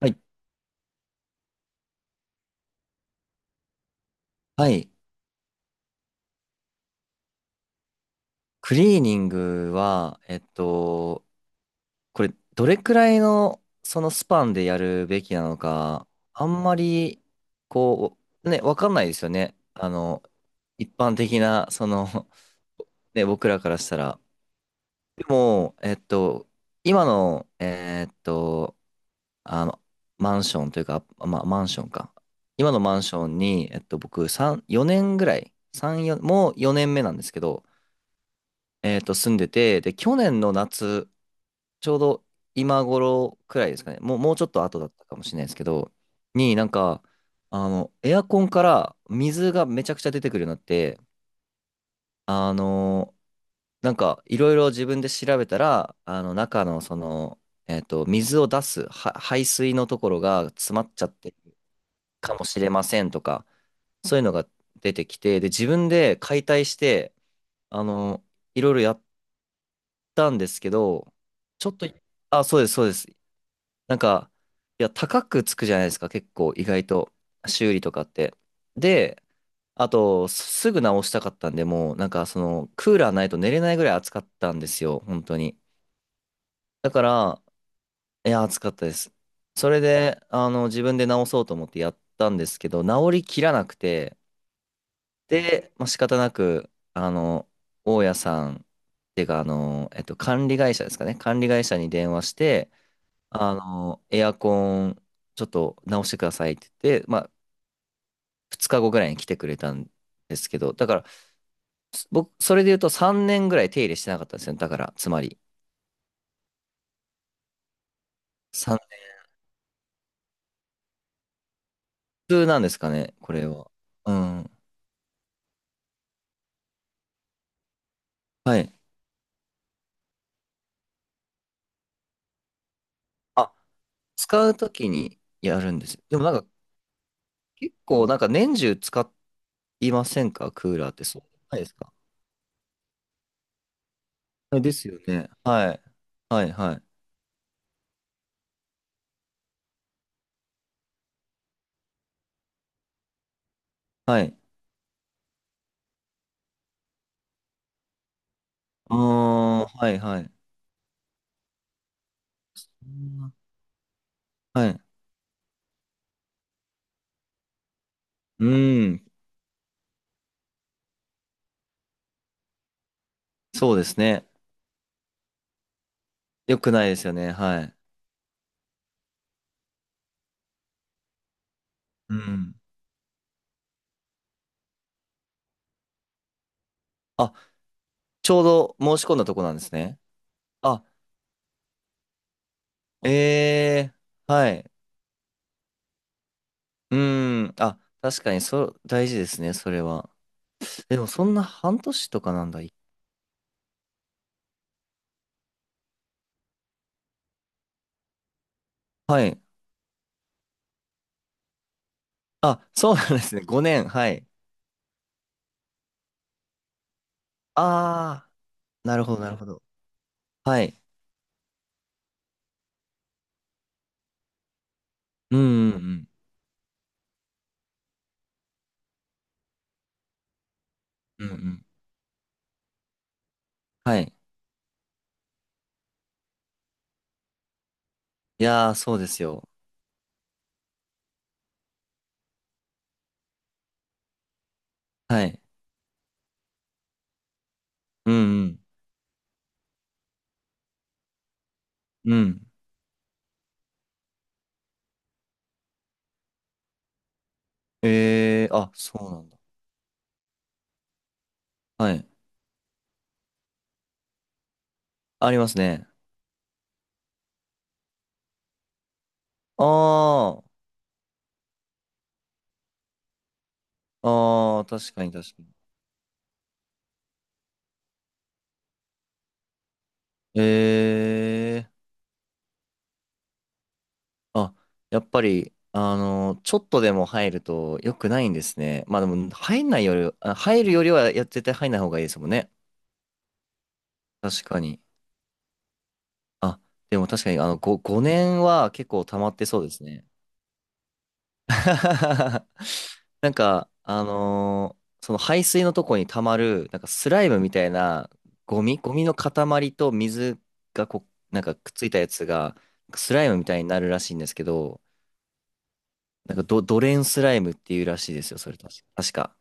はい。はい。クリーニングは、これ、どれくらいの、そのスパンでやるべきなのか、あんまり、こう、ね、わかんないですよね。一般的な、その、ね、僕らからしたら。でも、今の、あの、マンションというか、まあ、マンションか。今のマンションに、僕、3、4年ぐらい、3、4、もう4年目なんですけど、住んでて、で、去年の夏、ちょうど今頃くらいですかね、もう、もうちょっと後だったかもしれないですけど、になんか、エアコンから水がめちゃくちゃ出てくるようになって、あの、いろいろ自分で調べたら、中のその、水を出すは排水のところが詰まっちゃってるかもしれませんとか、そういうのが出てきて、で、自分で解体して、あの、いろいろやったんですけど、ちょっと、あ、そうです、そうです。なんか、いや、高くつくじゃないですか、結構、意外と、修理とかって。で、あと、すぐ直したかったんで、もう、なんか、その、クーラーないと寝れないぐらい暑かったんですよ、本当に。だから、いや、暑かったです。それで、自分で直そうと思ってやったんですけど、直りきらなくて、で、まあ、仕方なく、大家さん、っていうか、管理会社ですかね。管理会社に電話して、エアコン、ちょっと直してくださいって言って、まあ、2日後ぐらいに来てくれたんですけど、だから、僕、それで言うと3年ぐらい手入れしてなかったんですよね。だから、つまり、さん普通なんですかね、これは。うん。はい。あ、使うときにやるんです。でもなんか、結構、なんか年中使いませんか、クーラーって。そうじゃないですか。はい、ですよね。はい。はい、はい。はい。ああ、はい、はい。うん、はい。うーん、そうですね。よくないですよね。はい。うん。あ、ちょうど申し込んだとこなんですね。あ、ええ、はい。うん。あ、確かに、そ、大事ですね、それは。でも、そんな半年とかなんだ。はい。あ、そうなんですね。5年。はい。ああ、なるほど、なるほど。はい。うん、うん、うん。うん、うん。はい。いやー、そうですよ。はい。うん、うん、うん。ええ、あ、そうなんだ。はい。ありますね。ああ、ああ、確かに、確かに。えー、あ、やっぱり、ちょっとでも入ると良くないんですね。まあでも、入んないより、あ、入るよりはや、絶対入んない方がいいですもんね。確かに。あ、でも確かに、5年は結構溜まってそうですね。なんか、その排水のとこに溜まる、なんかスライムみたいなゴミの塊と水がこう、なんかくっついたやつが、スライムみたいになるらしいんですけど、なんかドレーンスライムっていうらしいですよ、それ確か。確か。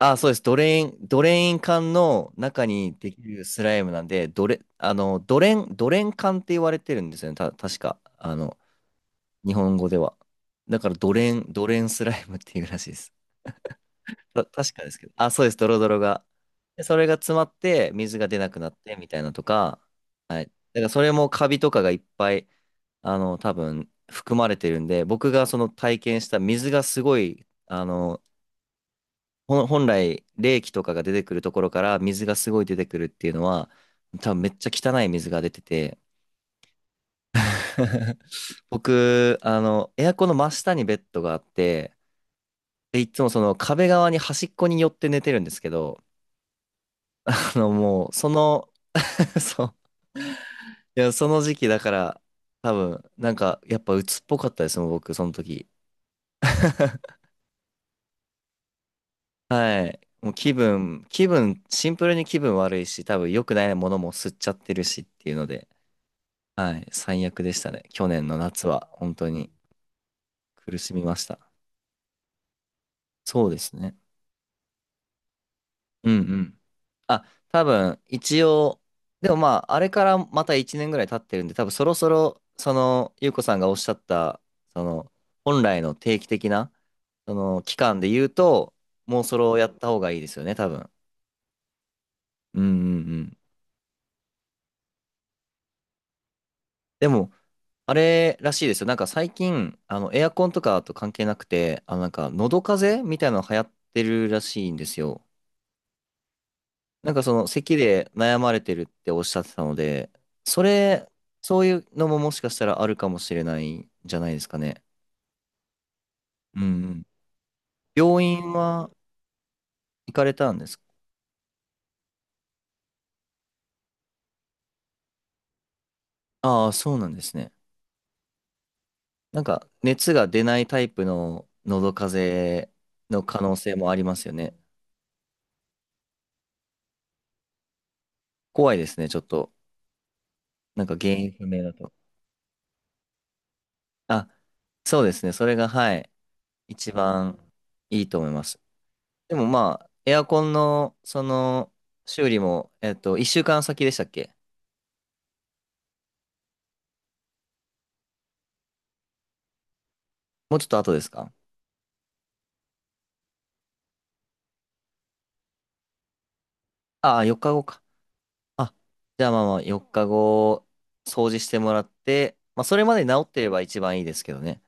あ、そうです。ドレーン管の中にできるスライムなんで、ドレ、あの、ドレン、ドレン管って言われてるんですよね。確か。日本語では。だからドレンスライムっていうらしいです。確かですけど。あ、そうです。ドロドロが。で、それが詰まって水が出なくなってみたいなとか。はい。だからそれもカビとかがいっぱい、多分含まれてるんで、僕がその体験した水がすごい、本来、冷気とかが出てくるところから水がすごい出てくるっていうのは、多分めっちゃ汚い水が出てて、僕、エアコンの真下にベッドがあって、で、いつもその壁側に端っこに寄って寝てるんですけど、もう、その そう、いや、その時期だから、多分、なんか、やっぱ鬱っぽかったですもん、僕、その時。はい。もう気分、シンプルに気分悪いし、多分良くないものも吸っちゃってるしっていうので。はい、最悪でしたね。去年の夏は本当に苦しみました。そうですね。うん、うん。あ、多分一応、でもまあ、あれからまた1年ぐらい経ってるんで、多分そろそろ、その、ゆうこさんがおっしゃった、その、本来の定期的な、その、期間で言うと、もうそれをやった方がいいですよね、多分。うん、うん、うん。でも、あれらしいですよ。なんか最近、エアコンとかと関係なくて、なんか、喉風邪みたいなの流行ってるらしいんですよ。なんかその咳で悩まれてるっておっしゃってたので、それ、そういうのももしかしたらあるかもしれないんじゃないですかね。うん、うん。病院は行かれたんですか？ああ、そうなんですね。なんか熱が出ないタイプの喉風邪の可能性もありますよね。怖いですね、ちょっと。なんか原因不明だと。あ、そうですね。それが、はい、一番いいと思います。でもまあ、エアコンの、その、修理も、1週間先でしたっけ？もうちょっと後ですか？ああ、4日後か。あ、じゃあまあまあ、4日後、掃除してもらって、まあ、それまで治ってれば一番いいですけどね。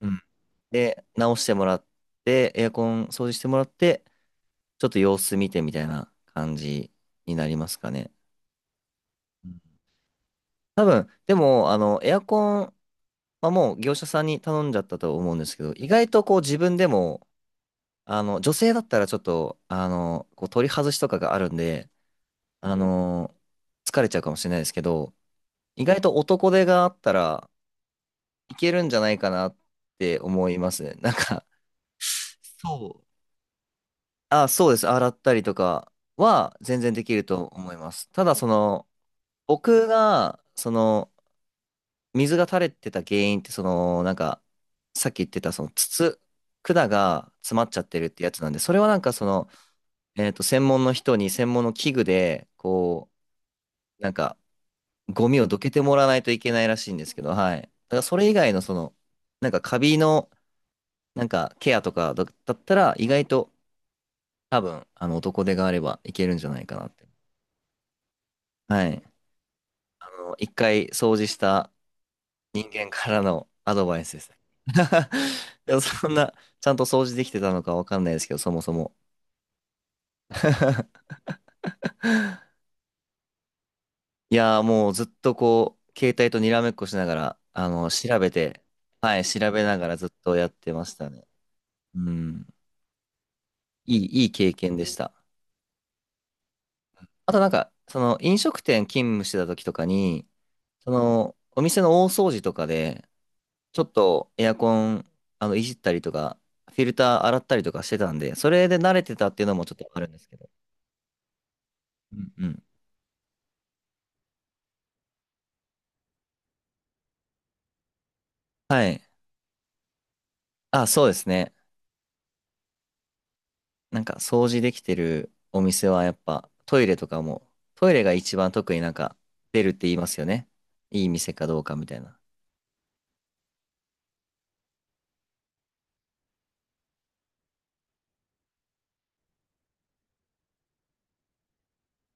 うん。で、直してもらって、エアコン掃除してもらって、ちょっと様子見てみたいな感じになりますかね。うん。多分、でも、エアコン、まあ、もう業者さんに頼んじゃったと思うんですけど、意外とこう自分でも女性だったらちょっと、こう取り外しとかがあるんで、あの、疲れちゃうかもしれないですけど、意外と男手があったらいけるんじゃないかなって思いますね。なんか、そう。あ、そうです。洗ったりとかは全然できると思います。ただ、その、僕が、その、水が垂れてた原因って、その、なんか、さっき言ってた、その、筒、管が詰まっちゃってるってやつなんで、それはなんか、その、専門の人に専門の器具で、こう、なんか、ゴミをどけてもらわないといけないらしいんですけど、はい。だからそれ以外のその、なんかカビの、なんかケアとかだったら、意外と多分、男手があればいけるんじゃないかなって。はい。一回掃除した人間からのアドバイスです。でもそんな、ちゃんと掃除できてたのかわかんないですけど、そもそも。いやーもうずっとこう、携帯とにらめっこしながら、調べて、はい、調べながらずっとやってましたね。うん。いい経験でした。あとなんか、その飲食店勤務してた時とかに、その、お店の大掃除とかで、ちょっとエアコン、いじったりとか、フィルター洗ったりとかしてたんで、それで慣れてたっていうのもちょっとあるんですけど。うん、うん。はい。あ、そうですね。なんか掃除できてるお店はやっぱトイレとかも、トイレが一番特になんか出るって言いますよね。いい店かどうかみたいな。